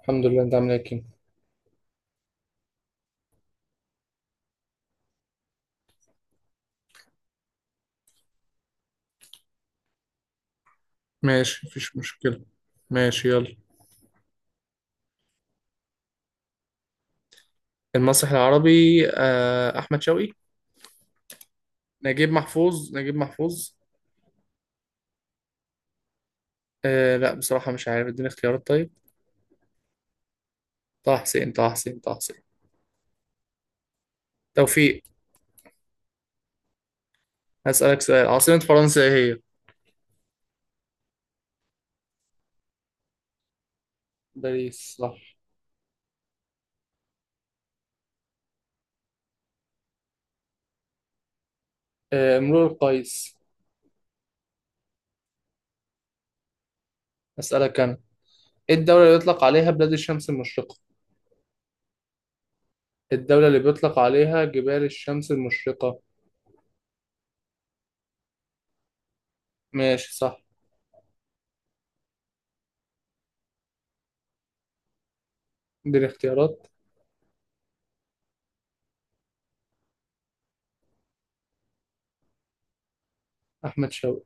الحمد لله. انت عامل ايه يا كيمو؟ ماشي مفيش مشكلة. ماشي يلا. المسرح العربي آه، أحمد شوقي. نجيب محفوظ. آه لا بصراحة مش عارف، اديني اختيارات طيب. طه حسين. توفيق. هسألك سؤال، عاصمة فرنسا ايه هي؟ باريس صح. آه مرور القيس. أسألك أنا، ايه الدولة اللي بيطلق عليها بلاد الشمس المشرقة؟ الدولة اللي بيطلق عليها جبال الشمس المشرقة. ماشي صح. اديني اختيارات. أحمد شوقي.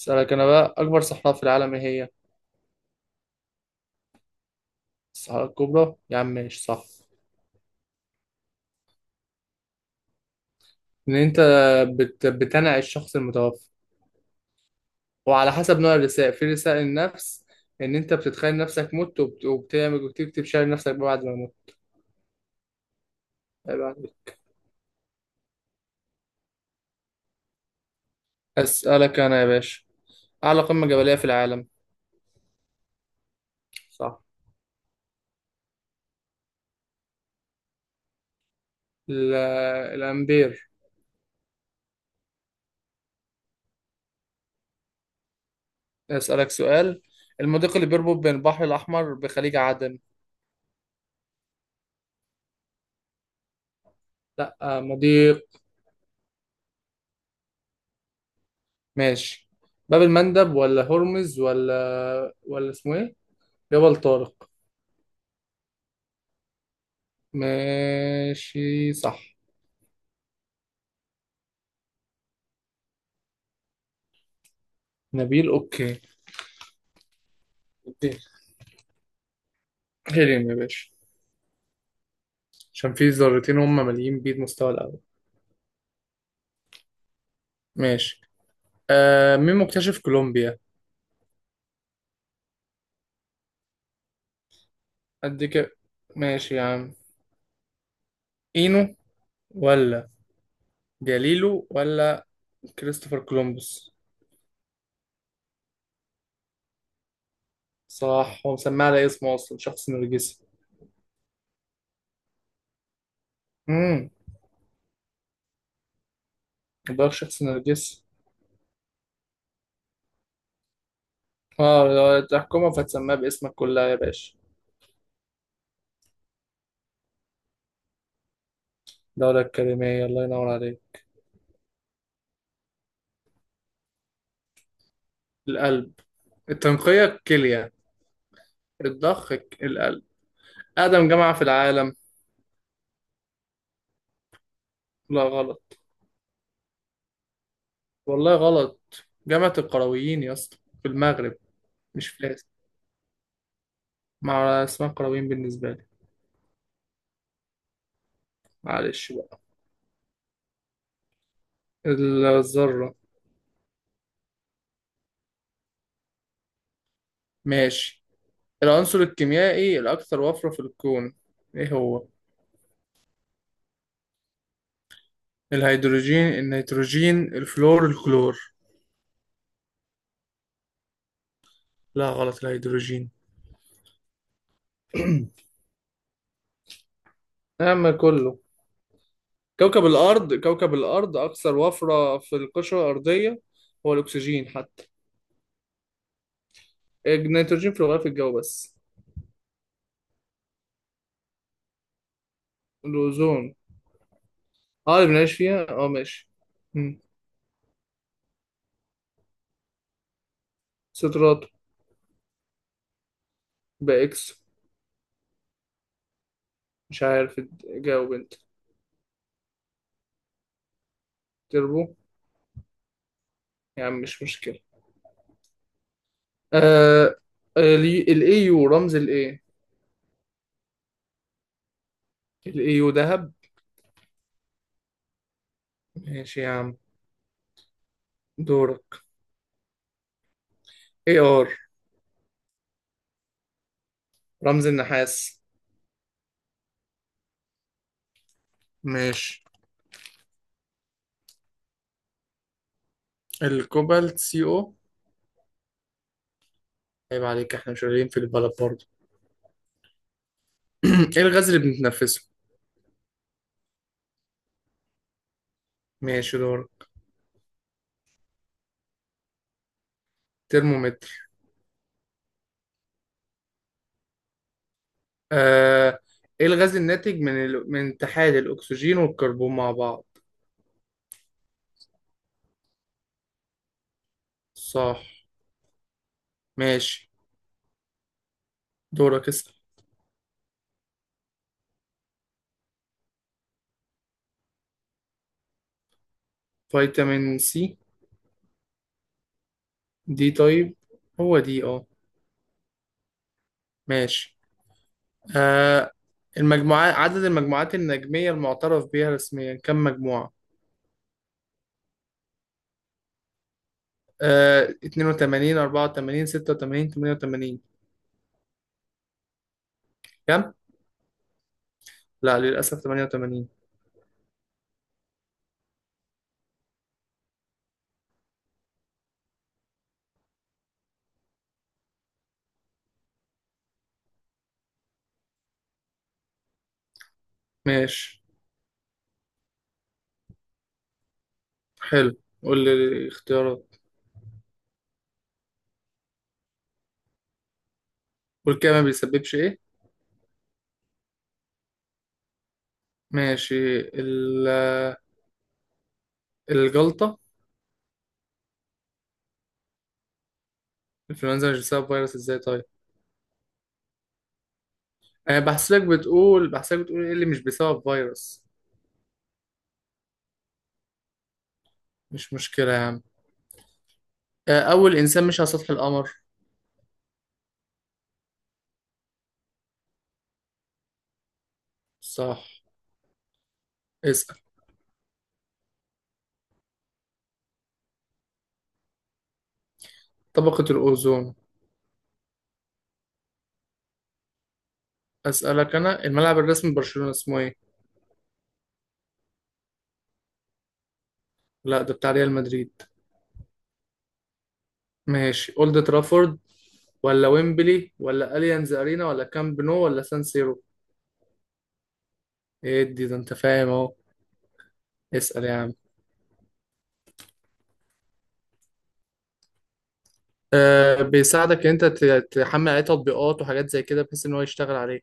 أسألك أنا بقى، أكبر صحراء في العالم ايه هي؟ الصحراء الكبرى يا عم، ماشي صح. ان انت بتنعي الشخص المتوفى، وعلى حسب نوع الرسائل، في رسائل النفس ان انت بتتخيل نفسك مت وبتعمل وبتكتب شعر نفسك بعد ما مت. بعد- اسالك انا يا باشا، اعلى قمة جبلية في العالم. صح. ال... الامبير. اسالك سؤال، المضيق اللي بيربط بين البحر الاحمر بخليج عدن. لا آه، مضيق. ماشي. باب المندب ولا هرمز ولا اسمه ايه، جبل طارق. ماشي صح. نبيل اوكي. اديني. هيلين يا باشا، عشان في ذرتين هم ماليين بيه المستوى الاول. ماشي. آه مين مكتشف كولومبيا؟ قد كده. ماشي يا عم. اينو ولا جاليلو ولا كريستوفر كولومبوس. صح، هو مسميه على اسمه اصلا، شخص نرجسي. امم، ده شخص نرجسي. اه لو الحكومة فتسميها باسمك كلها يا باشا. الدولة الكلمية، الله ينور عليك. القلب. التنقية الكلية. الضخ القلب. أقدم جامعة في العالم. لا غلط. والله غلط، جامعة القرويين يا اسطى، في المغرب. مش فاس، مع اسمها القرويين بالنسبة لي. معلش بقى. الذرة. ماشي. العنصر الكيميائي الأكثر وفرة في الكون إيه هو؟ الهيدروجين، النيتروجين، الفلور، الكلور. لا غلط، الهيدروجين. نعم كله. كوكب الأرض أكثر وفرة في القشرة الأرضية. هو الأكسجين حتى، النيتروجين في الغلاف الجوي بس. الأوزون. اه اللي بنعيش فيها، اه ماشي. مم. صدرات. بإكس. مش عارف، جاوب انت. تربو. يا عم مش مشكلة. آه الاي يو رمز الاي. الاي يو ذهب. ماشي يا عم. دورك. اي ار. رمز النحاس. ماشي. الكوبالت سي او. عيب عليك، احنا مش قليلين في البلد برضه. ايه الغاز اللي بنتنفسه؟ ماشي دورك. ترمومتر. آه ايه الغاز الناتج من من اتحاد الاكسجين والكربون مع بعض؟ صح. ماشي دورك، اسأل. فيتامين سي. دي طيب. هو دي اه. ماشي. آه المجموعات، عدد المجموعات النجمية المعترف بها رسميا كم مجموعة؟ آه 82 84 86 88. كم؟ لا للأسف 88. ماشي حلو، قول لي الاختيارات. والكلى ما بيسببش ايه؟ ماشي الجلطة. الإنفلونزا مش بسبب فيروس ازاي طيب؟ أنا بحسبك بتقول ايه اللي مش بسبب فيروس. مش مشكلة يا عم. آه، أول إنسان مشي على سطح القمر. صح. اسأل. طبقة الأوزون. أسألك أنا، الملعب الرسمي لبرشلونة اسمه إيه؟ لا ده بتاع ريال مدريد. ماشي أولد ترافورد ولا ويمبلي ولا أليانز أرينا ولا كامب نو ولا سان سيرو. إيه دي، ده أنت فاهم أهو. اسأل يا عم. أه بيساعدك إن أنت تحمل عليه تطبيقات وحاجات زي كده بحيث إن هو يشتغل عليه.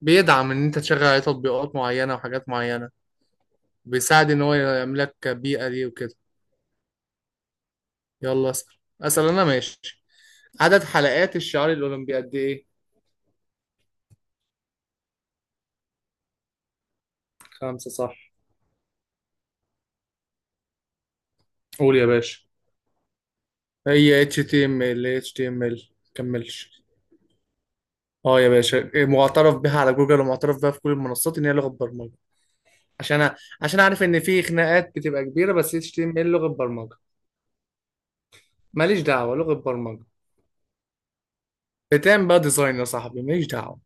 بيدعم إن أنت تشغل عليه تطبيقات معينة وحاجات معينة. بيساعد إن هو يعمل لك بيئة ليه وكده. يلا اسأل. أسأل أنا ماشي. عدد حلقات الشعار الأولمبي قد إيه؟ خمسة صح. قول يا باشا. هي HTML HTML كملش. اه يا باشا إيه، معترف بها على جوجل ومعترف بها في كل المنصات ان هي لغه برمجه. عشان عشان اعرف ان في خناقات بتبقى كبيره، بس HTML لغه برمجه. ماليش دعوه، لغه برمجه. بتعمل بقى ديزاين يا صاحبي، ماليش دعوه.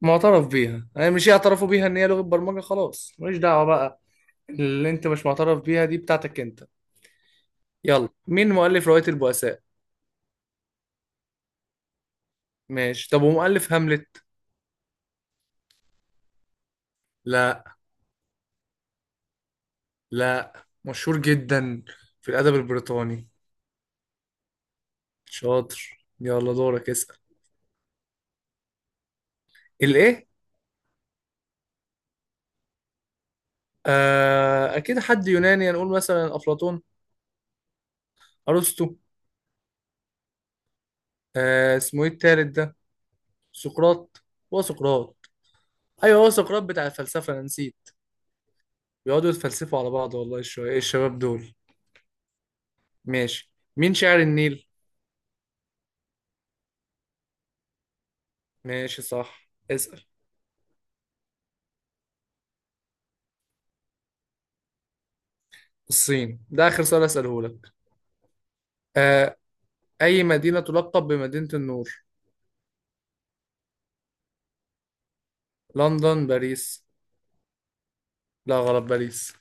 معترف بيها، يعني مش يعترفوا بيها ان هي لغه برمجه، خلاص ماليش دعوه بقى. اللي انت مش معترف بيها دي بتاعتك انت. يلا مين مؤلف روايه البؤساء؟ ماشي، طب ومؤلف هاملت؟ لا. لا. مشهور جدا في الأدب البريطاني. شاطر، يلا دورك اسأل. الإيه؟ آه أكيد حد يوناني، هنقول مثلا أفلاطون. أرسطو. آه اسمه إيه التالت ده؟ سقراط. هو سقراط. أيوه هو سقراط بتاع الفلسفة أنا نسيت. بيقعدوا يتفلسفوا على بعض، والله الشوية، إيه الشباب دول. ماشي، مين شاعر النيل؟ ماشي صح، اسأل. الصين. ده آخر سؤال أسأله لك. آه أي مدينة تلقب بمدينة النور؟ لندن، باريس. لا غلط، باريس.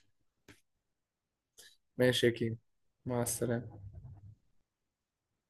ماشي يا كيم. مع السلامة.